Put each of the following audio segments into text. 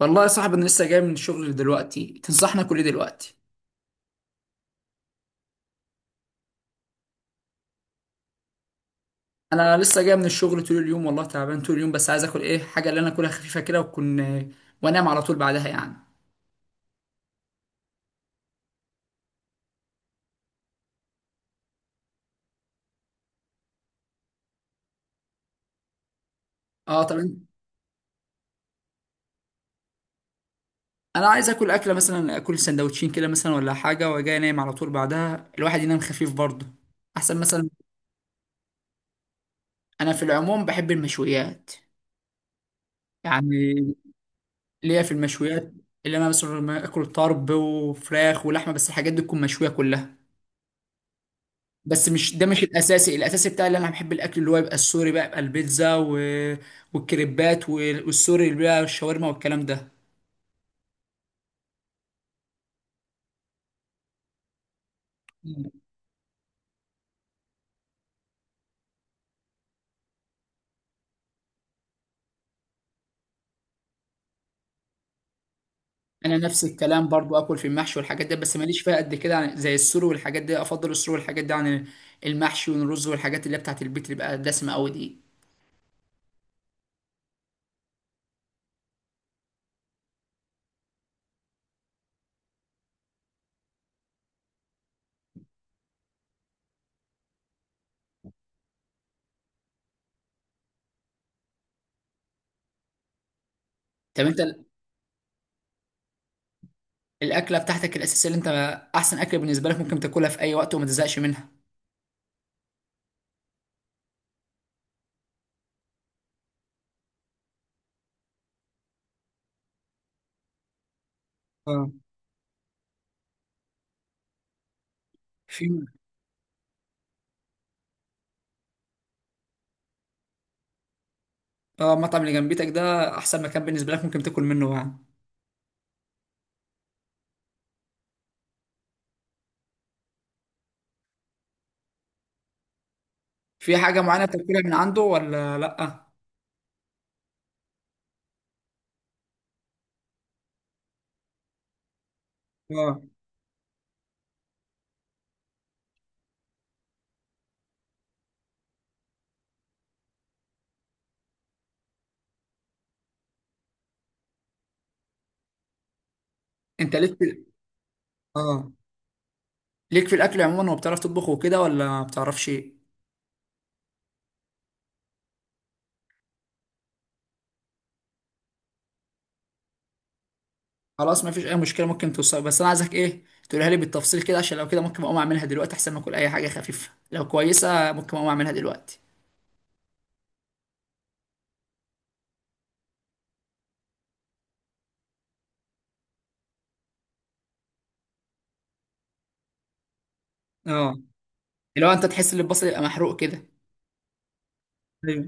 والله يا صاحبي، انا لسه جاي من الشغل دلوقتي. تنصحنا كل إيه دلوقتي؟ انا لسه جاي من الشغل طول اليوم، والله تعبان طول اليوم، بس عايز اكل ايه؟ حاجه اللي انا اكلها خفيفه كده، وكن وانام على طول بعدها يعني. اه طبعا. انا عايز اكل اكله مثلا، اكل سندوتشين كده مثلا ولا حاجه، وجاي انام على طول بعدها، الواحد ينام خفيف برضه احسن مثلا. انا في العموم بحب المشويات يعني، ليا في المشويات. اللي انا مثلا لما اكل طرب وفراخ ولحمه، بس الحاجات دي تكون مشويه كلها. بس مش ده، مش الاساسي. الاساسي بتاعي اللي انا بحب الاكل اللي هو يبقى السوري بقى، يبقى البيتزا والكريبات والسوري، اللي بقى الشاورما والكلام ده. مم. انا نفس الكلام برضو، اكل في المحشي والحاجات دي، بس ماليش فيها قد كده زي السوري والحاجات دي، افضل السوري والحاجات دي عن المحشي والرز والحاجات اللي هي بتاعت البيت، اللي بقى دسمه قوي دي. طب انت الاكله بتاعتك الاساسيه، اللي انت احسن اكله بالنسبه لك، ممكن تاكلها في اي وقت وما تزهقش منها؟ اه. في، اه المطعم اللي جنبيتك ده احسن مكان بالنسبه لك ممكن تاكل منه يعني؟ في حاجة معينة بتاكلها من عنده ولا لأ؟ اه. انت ليك في اه ليك في الاكل عموما، وبتعرف تطبخ وكده ولا ما بتعرفش ايه؟ خلاص، ما فيش اي مشكله. ممكن توصل، بس انا عايزك ايه، تقولها لي بالتفصيل كده، عشان لو كده ممكن اقوم اعملها دلوقتي، احسن ما اكل اي حاجه خفيفه. لو كويسه ممكن اقوم اعملها دلوقتي. اه. اللي هو انت تحس ان البصل يبقى محروق كده. ايوه.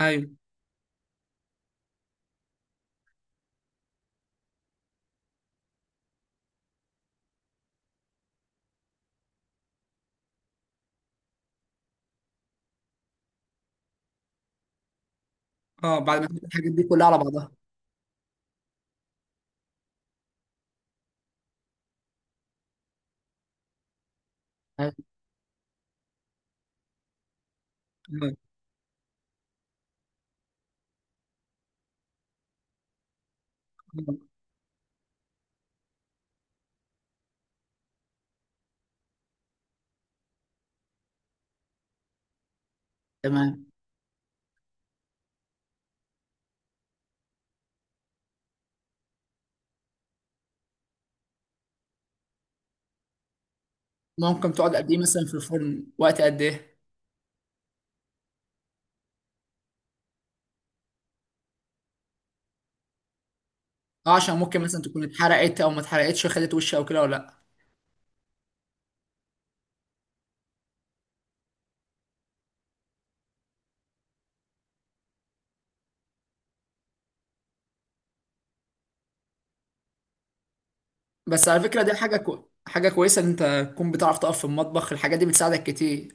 ايوه. اه، بعد ما تحط الحاجات دي كلها على بعضها. ايوه. تمام. آه. تمام. ممكن تقعد قد ايه مثلا في الفرن؟ وقت قد ايه؟ اه، عشان ممكن مثلا تكون اتحرقت او ما اتحرقتش، وخدت وش او كده ولا لا؟ بس على فكرة، دي حاجة حاجة كويسة إن أنت تكون بتعرف تقف في المطبخ. الحاجات دي بتساعدك كتير.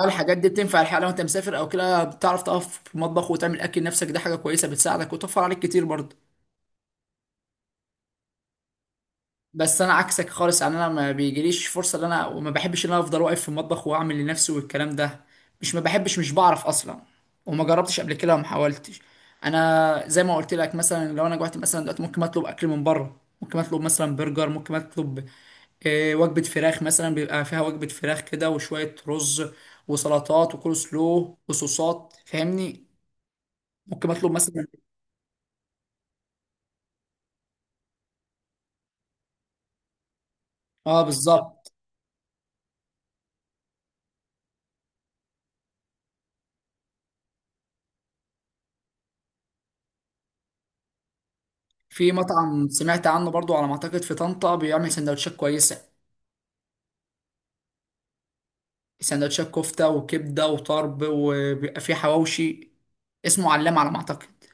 هل الحاجات دي بتنفع الحقيقة لو أنت مسافر أو كده بتعرف تقف في المطبخ وتعمل أكل نفسك؟ دي حاجة كويسة بتساعدك وتوفر عليك كتير برضه. بس انا عكسك خالص يعني، انا ما بيجيليش فرصه ان انا، وما بحبش ان انا افضل واقف في المطبخ واعمل لنفسي والكلام ده. مش ما بحبش، مش بعرف اصلا، وما جربتش قبل كده وما حاولتش. انا زي ما قلت لك، مثلا لو انا جوعت مثلا دلوقتي ممكن اطلب اكل من بره، ممكن اطلب مثلا برجر، ممكن اطلب وجبه فراخ مثلا، بيبقى فيها وجبه فراخ كده وشويه رز وسلطات وكول سلو وصوصات، فاهمني؟ ممكن اطلب مثلا. اه بالظبط. في مطعم سمعت عنه برضو، على ما اعتقد في طنطا، بيعمل سندوتشات كويسه. سندوتشات كفته وكبده وطرب، وبيبقى فيه حواوشي. اسمه علام على ما اعتقد.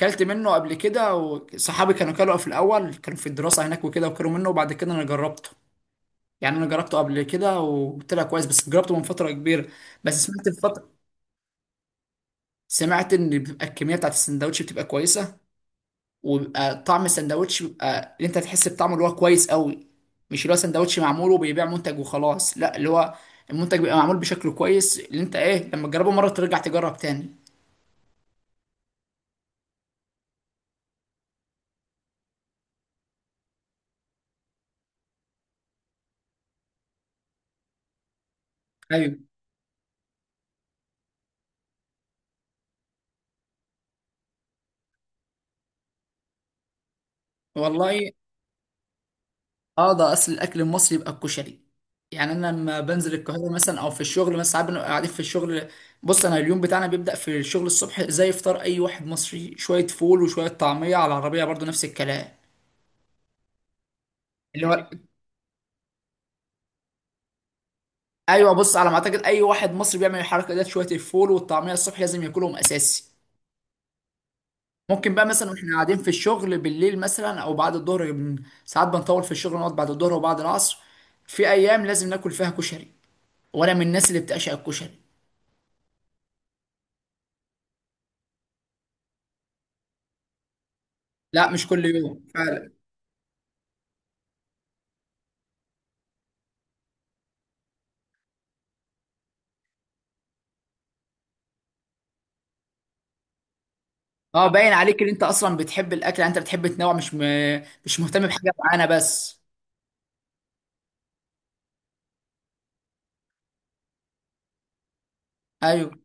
كلت منه قبل كده، وصحابي كانوا كلوا في الاول، كانوا في الدراسه هناك وكده، وكلوا منه وبعد كده انا جربته. يعني انا جربته قبل كده وطلع كويس، بس جربته من فتره كبيره. بس سمعت الفتره، سمعت ان بتبقى الكميه بتاعت السندوتش بتبقى كويسه، وبيبقى طعم السندوتش بيبقى اللي انت تحس بطعمه، اللي هو كويس قوي. مش اللي هو سندوتش معمول وبيبيع منتج وخلاص، لا، اللي هو المنتج بيبقى معمول بشكل كويس، اللي انت ايه، لما تجربه مره ترجع تجرب تاني. ايوه. والله. اه، ده اصل الاكل المصري يبقى الكشري. يعني انا لما بنزل القاهره مثلا او في الشغل مثلا، ساعات بنبقى قاعدين في الشغل. بص، انا اليوم بتاعنا بيبدا في الشغل الصبح، زي فطار اي واحد مصري، شويه فول وشويه طعميه على العربيه، برضو نفس الكلام. اللي هو ايوه، بص، على ما اعتقد اي واحد مصري بيعمل الحركه ديت، شويه الفول والطعميه الصبح لازم ياكلهم اساسي. ممكن بقى مثلا واحنا قاعدين في الشغل بالليل مثلا او بعد الظهر، ساعات بنطول في الشغل، نقعد بعد الظهر وبعد العصر. في ايام لازم ناكل فيها كشري، وانا من الناس اللي بتعشق الكشري. لا، مش كل يوم فعلا. اه، باين عليك ان انت اصلا بتحب الاكل يعني، انت بتحب تنوع، مش مش مهتم بحاجه معانا بس. ايوه.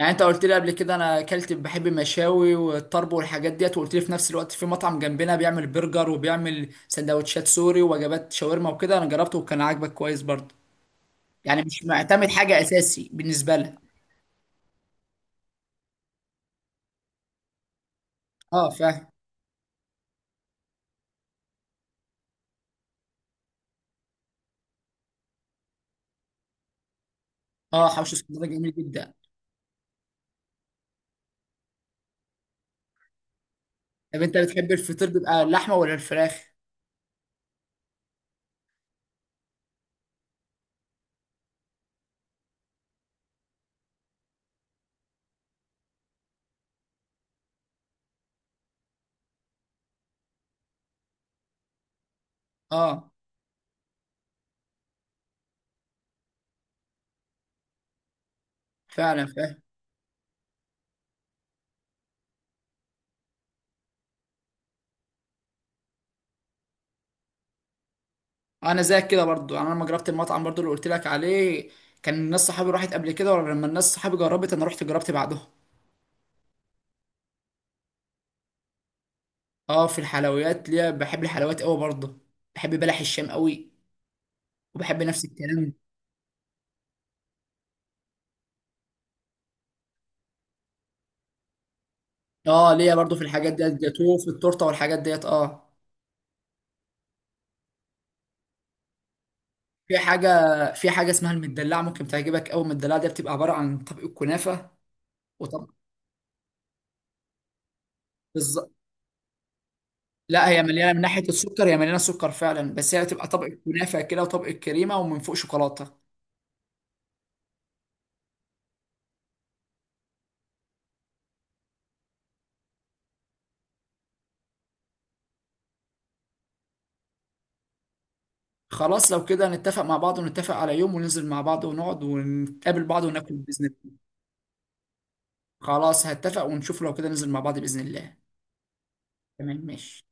يعني انت قلت لي قبل كده انا اكلت بحب المشاوي والطرب والحاجات ديت، وقلت لي في نفس الوقت في مطعم جنبنا بيعمل برجر وبيعمل سندوتشات سوري ووجبات شاورما وكده، انا جربته وكان عاجبك كويس برضه. يعني مش معتمد حاجه اساسي بالنسبه لك. اه فاهم. اه، حوش اسكندريه جميل جدا. طب انت بتحب الفطير بيبقى اللحمه ولا الفراخ؟ اه فعلا، فاهم. انا زيك كده برضه يعني، انا لما جربت المطعم برضه اللي قلت لك عليه، كان الناس صحابي راحت قبل كده، ولما الناس صحابي جربت انا رحت جربت بعدهم. اه، في الحلويات ليا، بحب الحلويات قوي برضه. بحب بلح الشام قوي، وبحب نفس الكلام. اه، ليا برضه في الحاجات ديت، جاتوه في التورته والحاجات ديت، اه. في حاجه في حاجه اسمها المدلعه، ممكن تعجبك قوي. المدلعه دي بتبقى عباره عن طبق الكنافه وطبق. بالظبط. لا، هي مليانه من ناحيه السكر، هي مليانه سكر فعلا، بس هي بتبقى طبق الكنافه كده وطبق الكريمه، ومن فوق شوكولاته. خلاص، لو كده نتفق مع بعض، ونتفق على يوم وننزل مع بعض ونقعد ونتقابل بعض وناكل باذن الله. خلاص هتفق ونشوف، لو كده ننزل مع بعض باذن الله. تمام ماشي.